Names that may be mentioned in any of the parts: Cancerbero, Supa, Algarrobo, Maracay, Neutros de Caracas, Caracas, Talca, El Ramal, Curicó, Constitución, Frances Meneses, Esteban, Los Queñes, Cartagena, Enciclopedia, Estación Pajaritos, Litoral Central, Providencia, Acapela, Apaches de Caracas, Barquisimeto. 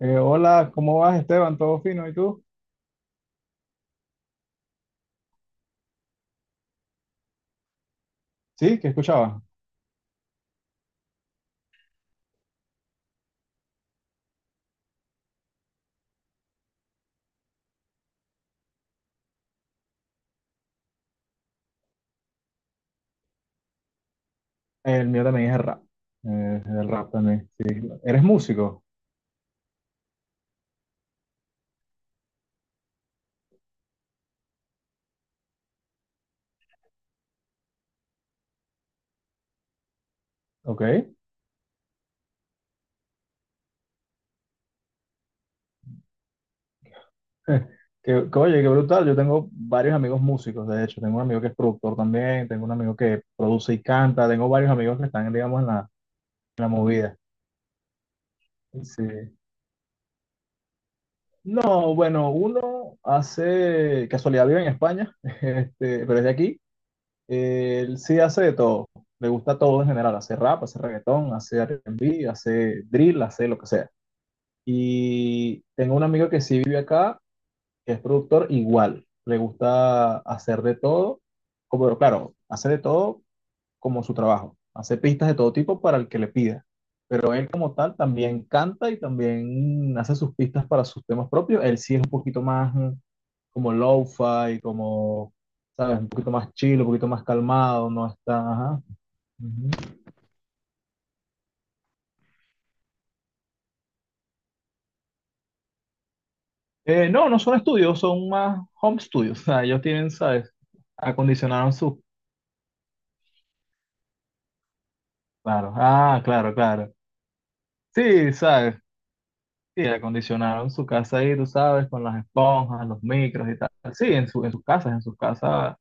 Hola, ¿cómo vas, Esteban? ¿Todo fino? ¿Y tú? Sí, ¿qué escuchabas? El mío también es el rap. Es el rap también, sí. ¿Eres músico? Ok. Oye, qué brutal. Yo tengo varios amigos músicos, de hecho. Tengo un amigo que es productor también, tengo un amigo que produce y canta, tengo varios amigos que están, digamos, en la movida. Sí. No, bueno, uno hace casualidad vive en España, este, pero es de aquí. Él sí hace de todo, le gusta todo en general, hace rap, hace reggaetón, hace R&B, hace drill, hace lo que sea. Y tengo un amigo que sí vive acá, que es productor igual, le gusta hacer de todo, como claro, hace de todo como su trabajo, hace pistas de todo tipo para el que le pida. Pero él como tal también canta y también hace sus pistas para sus temas propios. Él sí es un poquito más como lo-fi, como, ¿sabes? Un poquito más chill, un poquito más calmado, no está, ajá. Ujú. No, no son estudios, son más home studios, o sea, ellos tienen, ¿sabes? Acondicionaron su, claro, ah, claro, claro. Sí, ¿sabes? Sí, acondicionaron su casa ahí, tú sabes, con las esponjas, los micros y tal. Sí, en su, en sus casas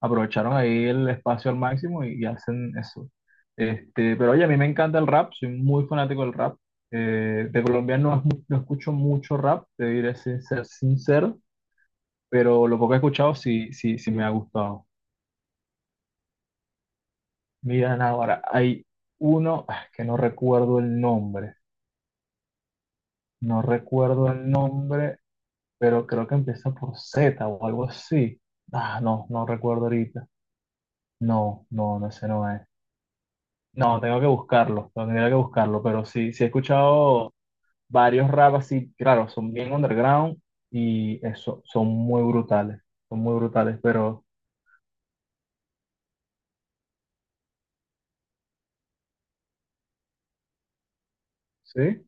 aprovecharon ahí el espacio al máximo y hacen eso. Pero oye, a mí me encanta el rap, soy muy fanático del rap. De Colombia no, no escucho mucho rap, te diré sin ser sincero, pero lo poco que he escuchado sí, sí, sí me ha gustado. Miren ahora, hay uno que no recuerdo el nombre, no recuerdo el nombre, pero creo que empieza por Z o algo así. Ah, no, no recuerdo ahorita. No, no, no, ese no es. No, tengo que buscarlo, no, tendría que buscarlo, pero sí, sí he escuchado varios rap así, claro, son bien underground y eso, son muy brutales, pero sí.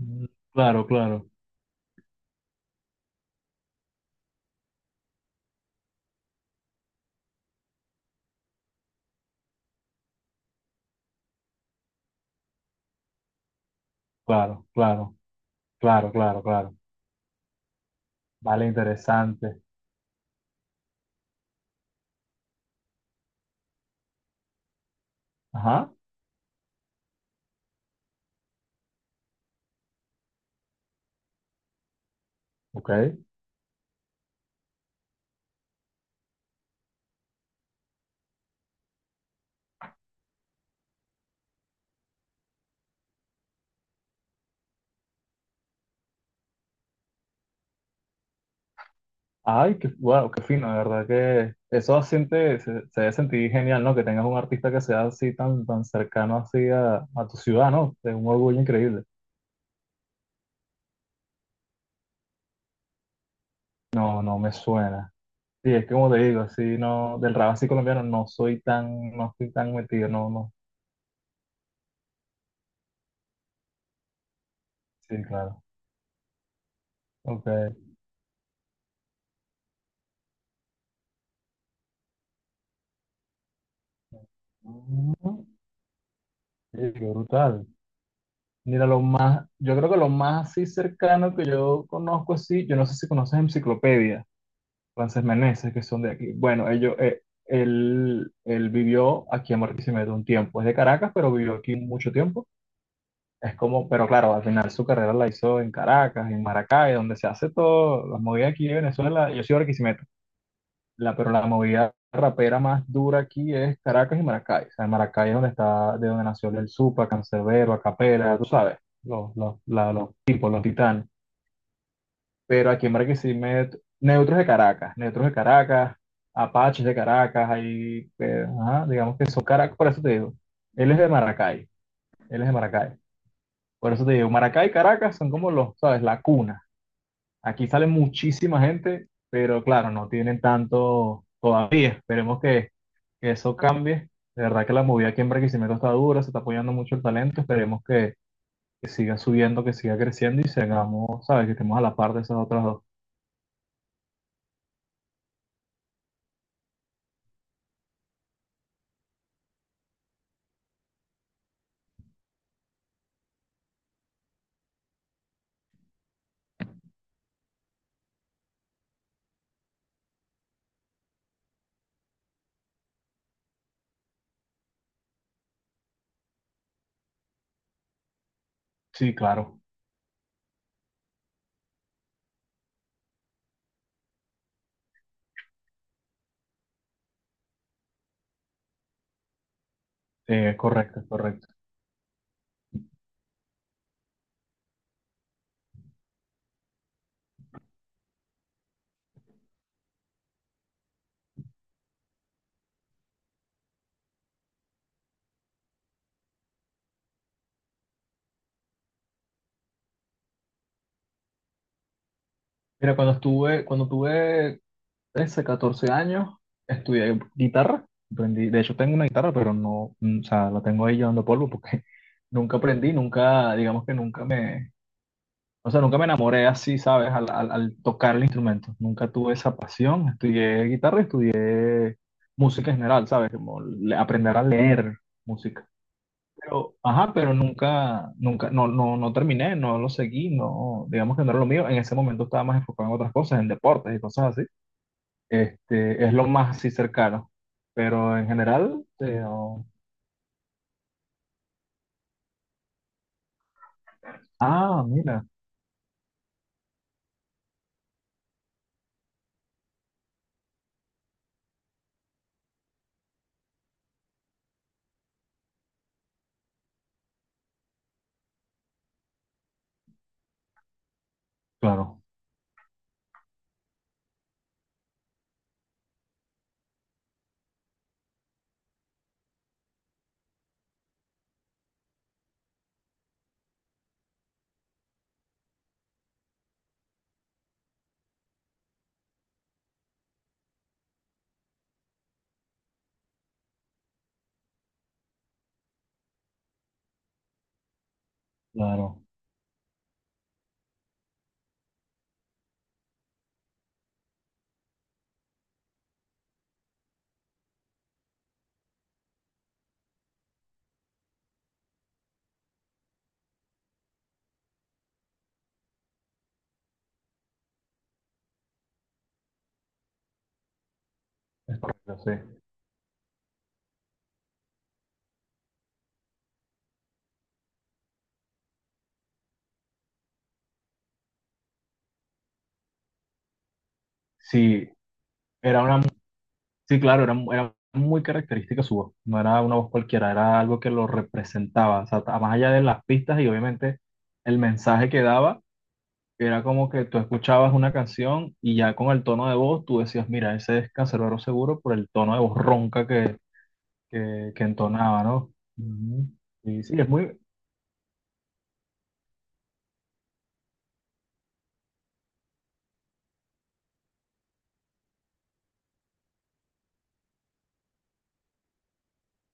Mm, claro, claro, claro, claro, claro, claro, claro, vale, interesante, ajá, ok, ay, qué, wow, qué fino, de verdad que eso siente, se debe sentir genial, ¿no? Que tengas un artista que sea así tan, tan cercano así a tu ciudad, ¿no? Es un orgullo increíble. No, no me suena. Sí, es que como te digo, sí, no, del rap así colombiano no soy tan, no estoy tan metido, no, no. Sí, claro. Ok. Ujú. Sí, qué brutal. Mira, yo creo que lo más así cercano que yo conozco así, yo no sé si conoces Enciclopedia, Frances Meneses, que son de aquí. Bueno, él vivió aquí en Barquisimeto un tiempo, es de Caracas, pero vivió aquí mucho tiempo. Es como, pero claro, al final su carrera la hizo en Caracas, en Maracay, donde se hace todo, las movidas aquí de Venezuela, yo soy de Barquisimeto. La movida rapera más dura aquí es Caracas y Maracay. O sea, Maracay es donde está, de donde nació el Supa, Cancerbero, Acapela, tú sabes, los tipos, los titanes. Pero aquí en Barquisimeto, Neutros de Caracas, Apaches de Caracas, ahí, ajá, digamos que son Caracas, por eso te digo. Él es de Maracay, él es de Maracay. Por eso te digo, Maracay y Caracas son como los, ¿sabes? La cuna. Aquí sale muchísima gente, pero claro, no tienen tanto todavía. Esperemos que eso cambie. De verdad que la movida aquí en Barquisimeto está dura, se está apoyando mucho el talento. Esperemos que siga subiendo, que siga creciendo y sigamos, ¿sabes? Que estemos a la par de esas otras dos. Sí, claro. Correcto, correcto. Mira, cuando tuve 13, 14 años, estudié guitarra. Aprendí, de hecho, tengo una guitarra, pero no, o sea, la tengo ahí llevando polvo porque nunca aprendí, nunca, digamos que nunca me. O sea, nunca me enamoré así, ¿sabes? Al tocar el instrumento. Nunca tuve esa pasión. Estudié guitarra, estudié música en general, ¿sabes? Aprender a leer música. Pero, ajá, pero nunca, nunca, no, no, no terminé, no lo seguí, no, digamos que no era lo mío. En ese momento estaba más enfocado en otras cosas, en deportes y cosas así. Es lo más así cercano. Pero en general, no. Ah, mira, claro, claro, es correcto, sí. Sí, era una. Sí, claro, era, muy característica su voz, no era una voz cualquiera, era algo que lo representaba, o sea, más allá de las pistas y obviamente el mensaje que daba, era como que tú escuchabas una canción y ya con el tono de voz tú decías, mira, ese es Canserbero seguro por el tono de voz ronca que entonaba, ¿no? Ujú. Y sí, es muy,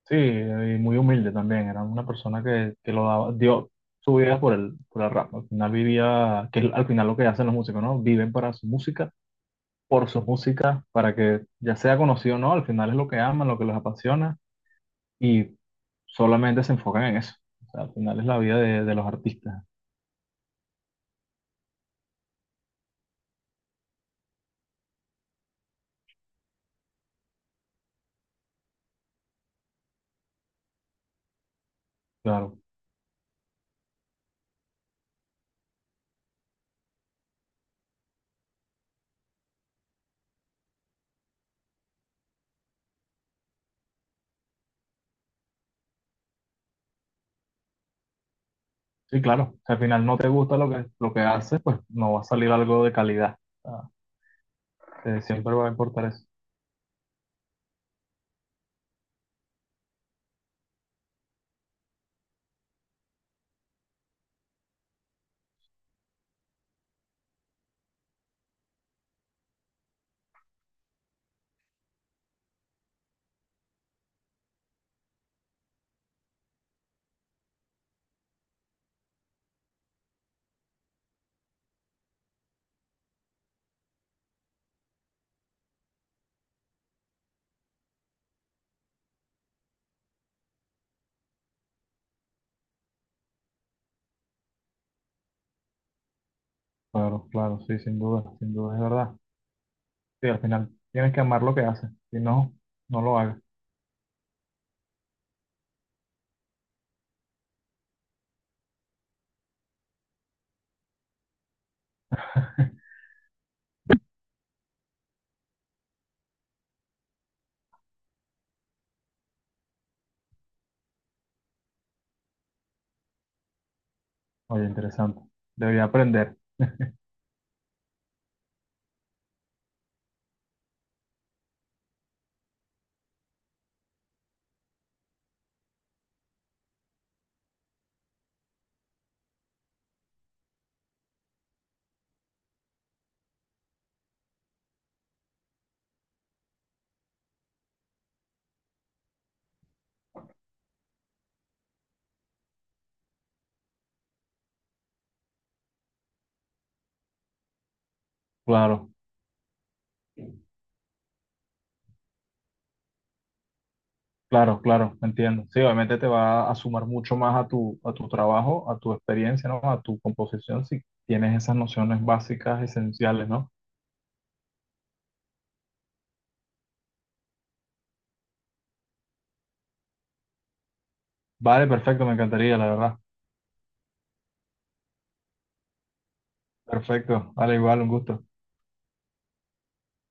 sí, y muy humilde también, era una persona que lo daba, dio su vida por el rap, al final vivía, que es al final lo que hacen los músicos, ¿no? Viven para su música por su música para que ya sea conocido o no, al final es lo que aman, lo que les apasiona y solamente se enfocan en eso. O sea, al final es la vida de los artistas, claro. Sí, claro. Si al final no te gusta lo que haces, pues no va a salir algo de calidad. O sea, siempre va a importar eso. Claro, claro, sí, sin duda, sin duda, es verdad. Sí, al final tienes que amar lo que haces. Si no, no lo hagas. Oye, interesante. Debería aprender. Claro. Claro, claro, entiendo. Sí, obviamente te va a sumar mucho más a tu trabajo, a tu experiencia, ¿no? A tu composición, si tienes esas nociones básicas, esenciales, ¿no? Vale, perfecto, me encantaría, la verdad. Perfecto, vale, igual, un gusto.